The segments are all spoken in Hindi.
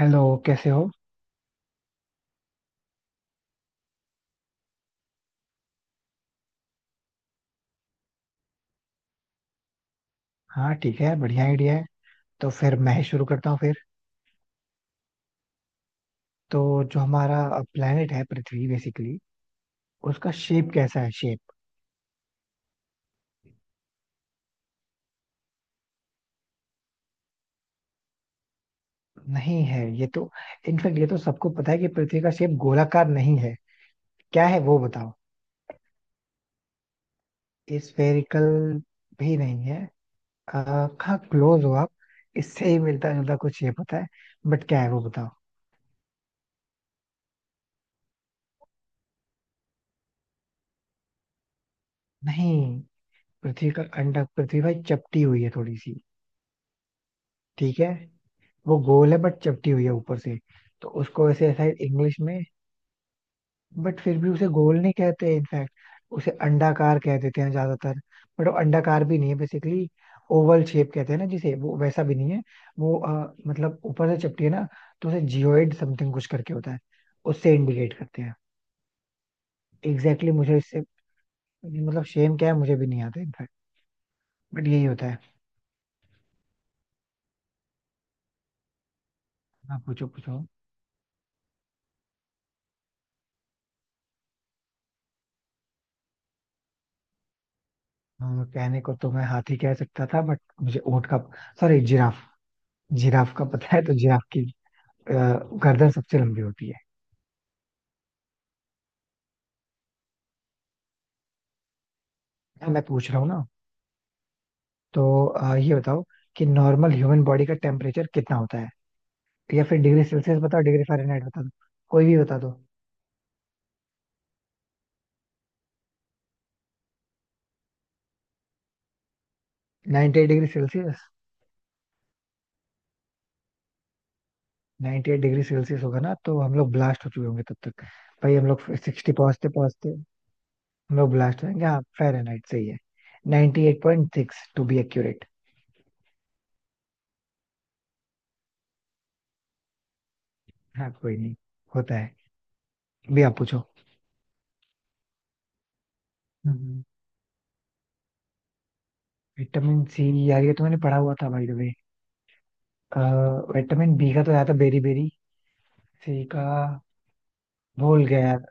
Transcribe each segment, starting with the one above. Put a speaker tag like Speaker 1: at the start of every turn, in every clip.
Speaker 1: हेलो। कैसे हो। हाँ ठीक है, बढ़िया आइडिया है। तो फिर मैं ही शुरू करता हूँ फिर। तो जो हमारा प्लेनेट है पृथ्वी बेसिकली, उसका शेप कैसा है? शेप। नहीं है ये तो। इनफैक्ट ये तो सबको पता है कि पृथ्वी का शेप गोलाकार नहीं है। क्या है वो बताओ? स्फेरिकल भी नहीं है। आ, हाँ क्लोज हो आप, इससे ही मिलता जुलता कुछ शेप होता है। बट क्या है वो बताओ? नहीं, पृथ्वी का अंडा, पृथ्वी भाई चपटी हुई है थोड़ी सी। ठीक है। वो गोल है बट चपटी हुई है ऊपर से। तो उसको वैसे शायद इंग्लिश में, बट फिर भी उसे गोल नहीं कहते इनफैक्ट, उसे अंडाकार कह देते हैं ज्यादातर। बट वो अंडाकार भी नहीं है बेसिकली। ओवल शेप कहते हैं ना जिसे, वो वैसा भी नहीं है। वो मतलब ऊपर से चपटी है ना, तो उसे जियोइड समथिंग कुछ करके होता है, उससे इंडिकेट करते हैं। एग्जैक्टली मुझे इससे मतलब शेम क्या है मुझे भी नहीं आता इनफैक्ट, बट यही होता है। आप पूछो पूछो। कहने को तो मैं हाथी कह सकता था बट मुझे ऊंट का, सॉरी, जिराफ। जिराफ का पता है तो जिराफ की अ, गर्दन सबसे लंबी होती है। हाँ, मैं पूछ रहा हूँ ना। तो ये बताओ कि नॉर्मल ह्यूमन बॉडी का टेम्परेचर कितना होता है। या फिर डिग्री सेल्सियस बताओ, डिग्री फारेनहाइट बता दो। कोई भी बता दो। 98 डिग्री सेल्सियस? 98 डिग्री सेल्सियस होगा ना तो हम लोग ब्लास्ट हो चुके होंगे तब तक। भाई हम लोग 60 पहुंचते पहुंचते हम लोग ब्लास्ट होंगे। हाँ फारेनहाइट सही है। 98.6 टू बी एक्यूरेट। हाँ कोई नहीं। होता है भी। आप पूछो। विटामिन सी यार ये तो मैंने पढ़ा हुआ था भाई द वे, विटामिन बी का तो ज्यादा बेरी बेरी, सी का भूल गया यार।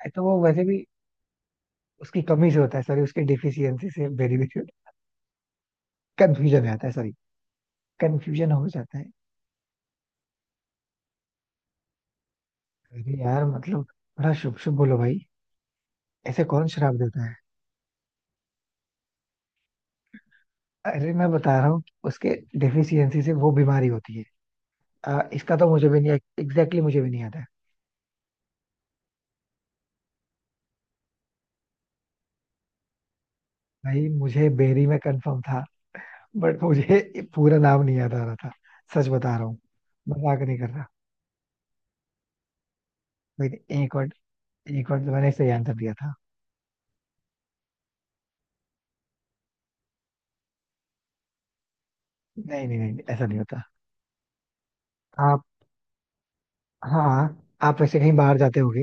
Speaker 1: आई तो वो वैसे भी उसकी कमी से होता है, सॉरी, उसकी डिफिशियंसी से बेरी बेरी। कंफ्यूजन में आता है, सॉरी, कंफ्यूजन हो जाता है। अरे यार मतलब बड़ा शुभ शुभ बोलो भाई। ऐसे कौन शराब देता है। अरे मैं बता रहा हूँ उसके डिफिशियंसी से वो बीमारी होती है। इसका तो मुझे भी नहीं, एग्जैक्टली मुझे भी नहीं आता है। भाई मुझे बेरी में कंफर्म था, बट मुझे पूरा नाम नहीं याद आ रहा था। सच बता रहा हूँ, मजाक नहीं कर रहा। भाई, एक और एक बार तो मैंने सही आंसर दिया था। नहीं नहीं नहीं, ऐसा नहीं होता। आप। हाँ। आप वैसे कहीं बाहर जाते होगे,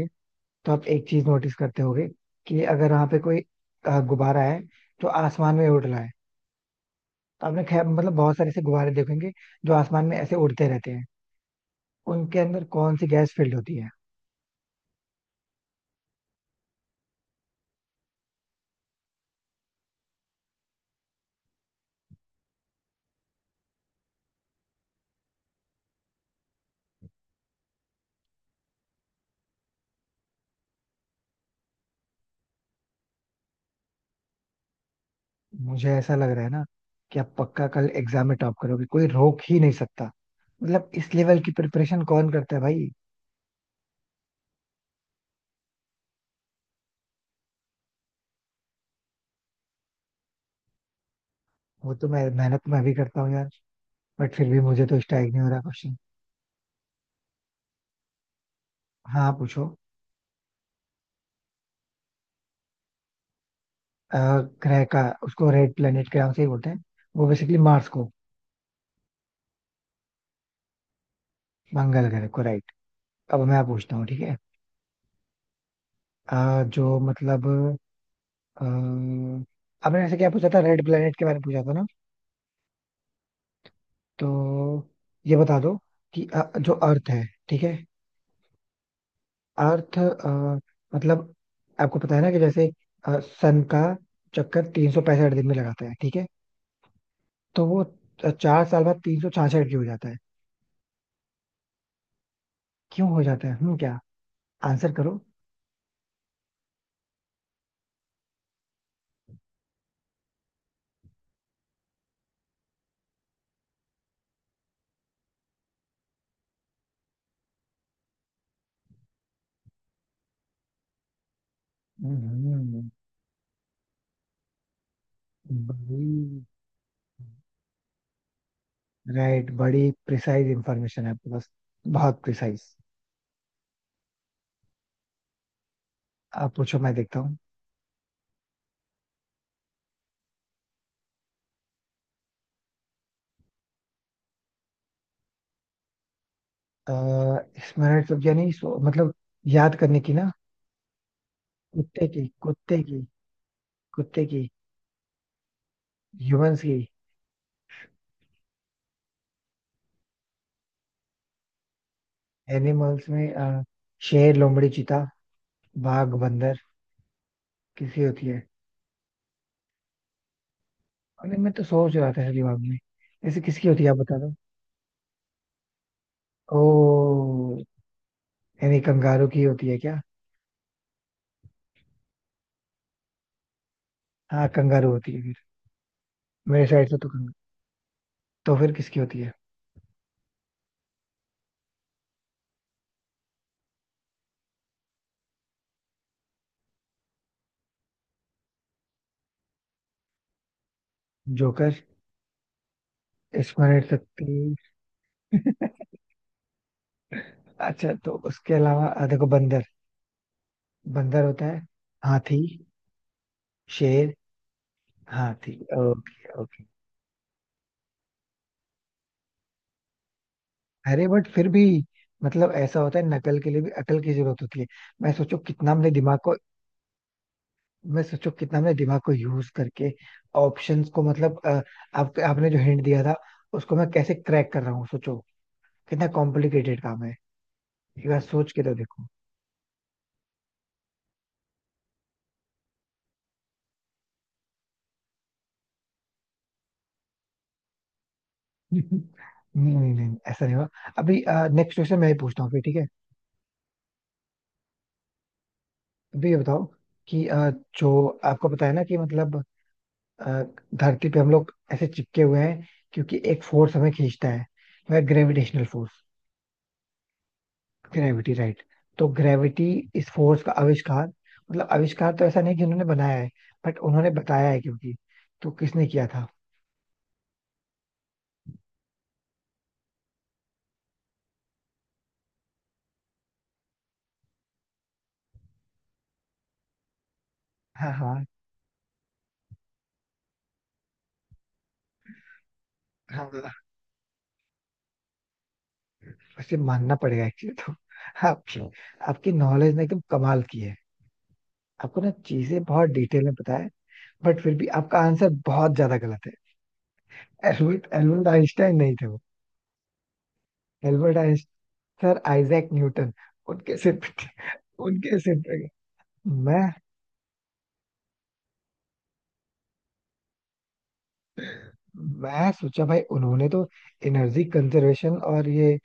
Speaker 1: तो आप एक चीज नोटिस करते होगे कि अगर वहां पे कोई गुब्बारा है तो आसमान में उड़ रहा है। तो आपने खैर मतलब बहुत सारे ऐसे गुब्बारे देखेंगे जो आसमान में ऐसे उड़ते रहते हैं। उनके अंदर कौन सी गैस फील्ड होती है? मुझे ऐसा लग रहा है ना, कि आप पक्का कल एग्जाम में टॉप करोगे, कोई रोक ही नहीं सकता। मतलब इस लेवल की प्रिपरेशन कौन करता है भाई। वो तो मैं मेहनत तो मैं भी करता हूँ यार, बट फिर भी मुझे तो स्ट्राइक नहीं हो रहा क्वेश्चन। हाँ पूछो। अ, ग्रह का उसको रेड प्लेनेट के नाम से ही बोलते हैं, वो बेसिकली मार्स को। मंगल ग्रह को, राइट। अब मैं पूछता हूँ, ठीक है। जो मतलब अ, आपने ऐसे क्या पूछा था, रेड प्लेनेट के बारे में पूछा था ना। तो ये बता दो कि जो अर्थ है, ठीक है, अर्थ मतलब आपको पता है ना कि जैसे सन का चक्कर 365 दिन में लगाता है, ठीक है। तो वो 4 साल बाद 366 हो जाता है। क्यों हो जाता है, हम्म, क्या आंसर करो, हम्म। बड़ी, राइट। बड़ी प्रिसाइज इंफॉर्मेशन है आपके पास, बहुत प्रिसाइज। आप पूछो, मैं देखता हूँ। अ, स्मरण शक्ति यानी मतलब याद करने की ना? कुत्ते की, कुत्ते की, कुत्ते की। ह्यूमंस की। एनिमल्स में शेर, लोमड़ी, चीता, बाघ, बंदर, किसकी होती है? अरे मैं तो सोच रहा था दिमाग में, ऐसे किसकी होती है, आप बता दो। ओ, यानी कंगारू की होती है क्या? हाँ कंगारू होती है फिर। मेरे साइड से तो कंग... तो फिर किसकी होती है? जोकर। स्मरण शक्ति। अच्छा तो उसके अलावा देखो, बंदर, बंदर होता है, हाथी, शेर, हाथी। Okay okay. अरे बट फिर भी मतलब ऐसा होता है नकल के लिए भी अकल की जरूरत होती है। मैं सोचो कितना हमने दिमाग को मैं सोचो कितना हमने दिमाग को यूज करके ऑप्शंस को मतलब आपने जो हिंट दिया था, उसको मैं कैसे क्रैक कर रहा हूँ, सोचो कितना कॉम्प्लिकेटेड काम है। एक बार सोच के तो देखो। नहीं नहीं नहीं, ऐसा नहीं हुआ। अभी नेक्स्ट क्वेश्चन मैं ही पूछता हूँ फिर, ठीक है। अभी ये बताओ कि जो आपको पता है ना कि मतलब अ, धरती पे हम लोग ऐसे चिपके हुए हैं क्योंकि एक फोर्स हमें खींचता है, वह ग्रेविटेशनल फोर्स। Gravity, right. तो ग्रेविटी, इस फोर्स का आविष्कार, मतलब आविष्कार तो ऐसा नहीं कि उन्होंने बनाया है, बट उन्होंने बताया है क्योंकि, तो किसने किया था? हाँ हाँ हाँ। वैसे मानना पड़ेगा एक्चुअली तो, आपकी आपकी नॉलेज ने एकदम कमाल की है। आपको ना चीजें बहुत डिटेल में पता है, बट फिर भी आपका आंसर बहुत ज्यादा गलत है। एल्बर्ट एल्बर्ट आइंस्टाइन नहीं थे वो। Albert Einstein, sir Isaac Newton. उनके सिर पे, उनके सिर पे। मैं मैं सोचा भाई उन्होंने तो एनर्जी कंजर्वेशन और ये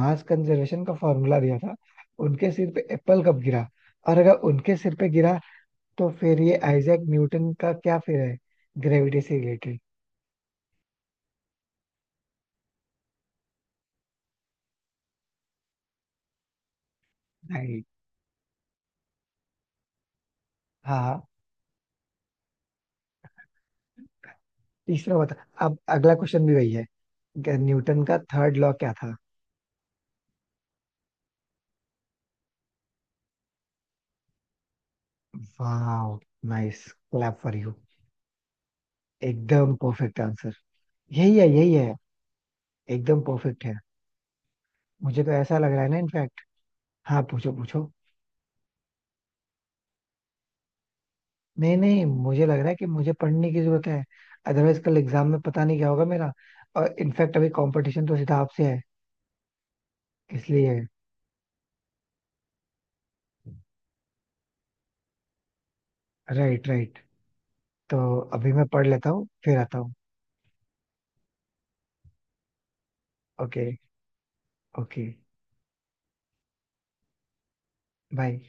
Speaker 1: मास कंजर्वेशन का फॉर्मूला दिया था। उनके सिर पे एप्पल कब गिरा? और अगर उनके सिर पे गिरा, तो फिर ये आइजैक न्यूटन का क्या फिर है, ग्रेविटी से रिलेटेड? नहीं। हाँ। तीसरा बता। अब अगला क्वेश्चन भी वही है, न्यूटन का थर्ड लॉ क्या था? वाह, नाइस। Clap for you. एकदम परफेक्ट आंसर। यही है यही है। एकदम परफेक्ट है। मुझे तो ऐसा लग रहा है ना इनफैक्ट। हाँ पूछो पूछो। नहीं नहीं, मुझे लग रहा है कि मुझे पढ़ने की जरूरत है। अदरवाइज कल एग्जाम में पता नहीं क्या होगा मेरा। और इनफैक्ट अभी कंपटीशन तो सीधा आपसे है, इसलिए। Right right. तो अभी मैं पढ़ लेता हूँ फिर आता हूँ। Okay, okay. बाय।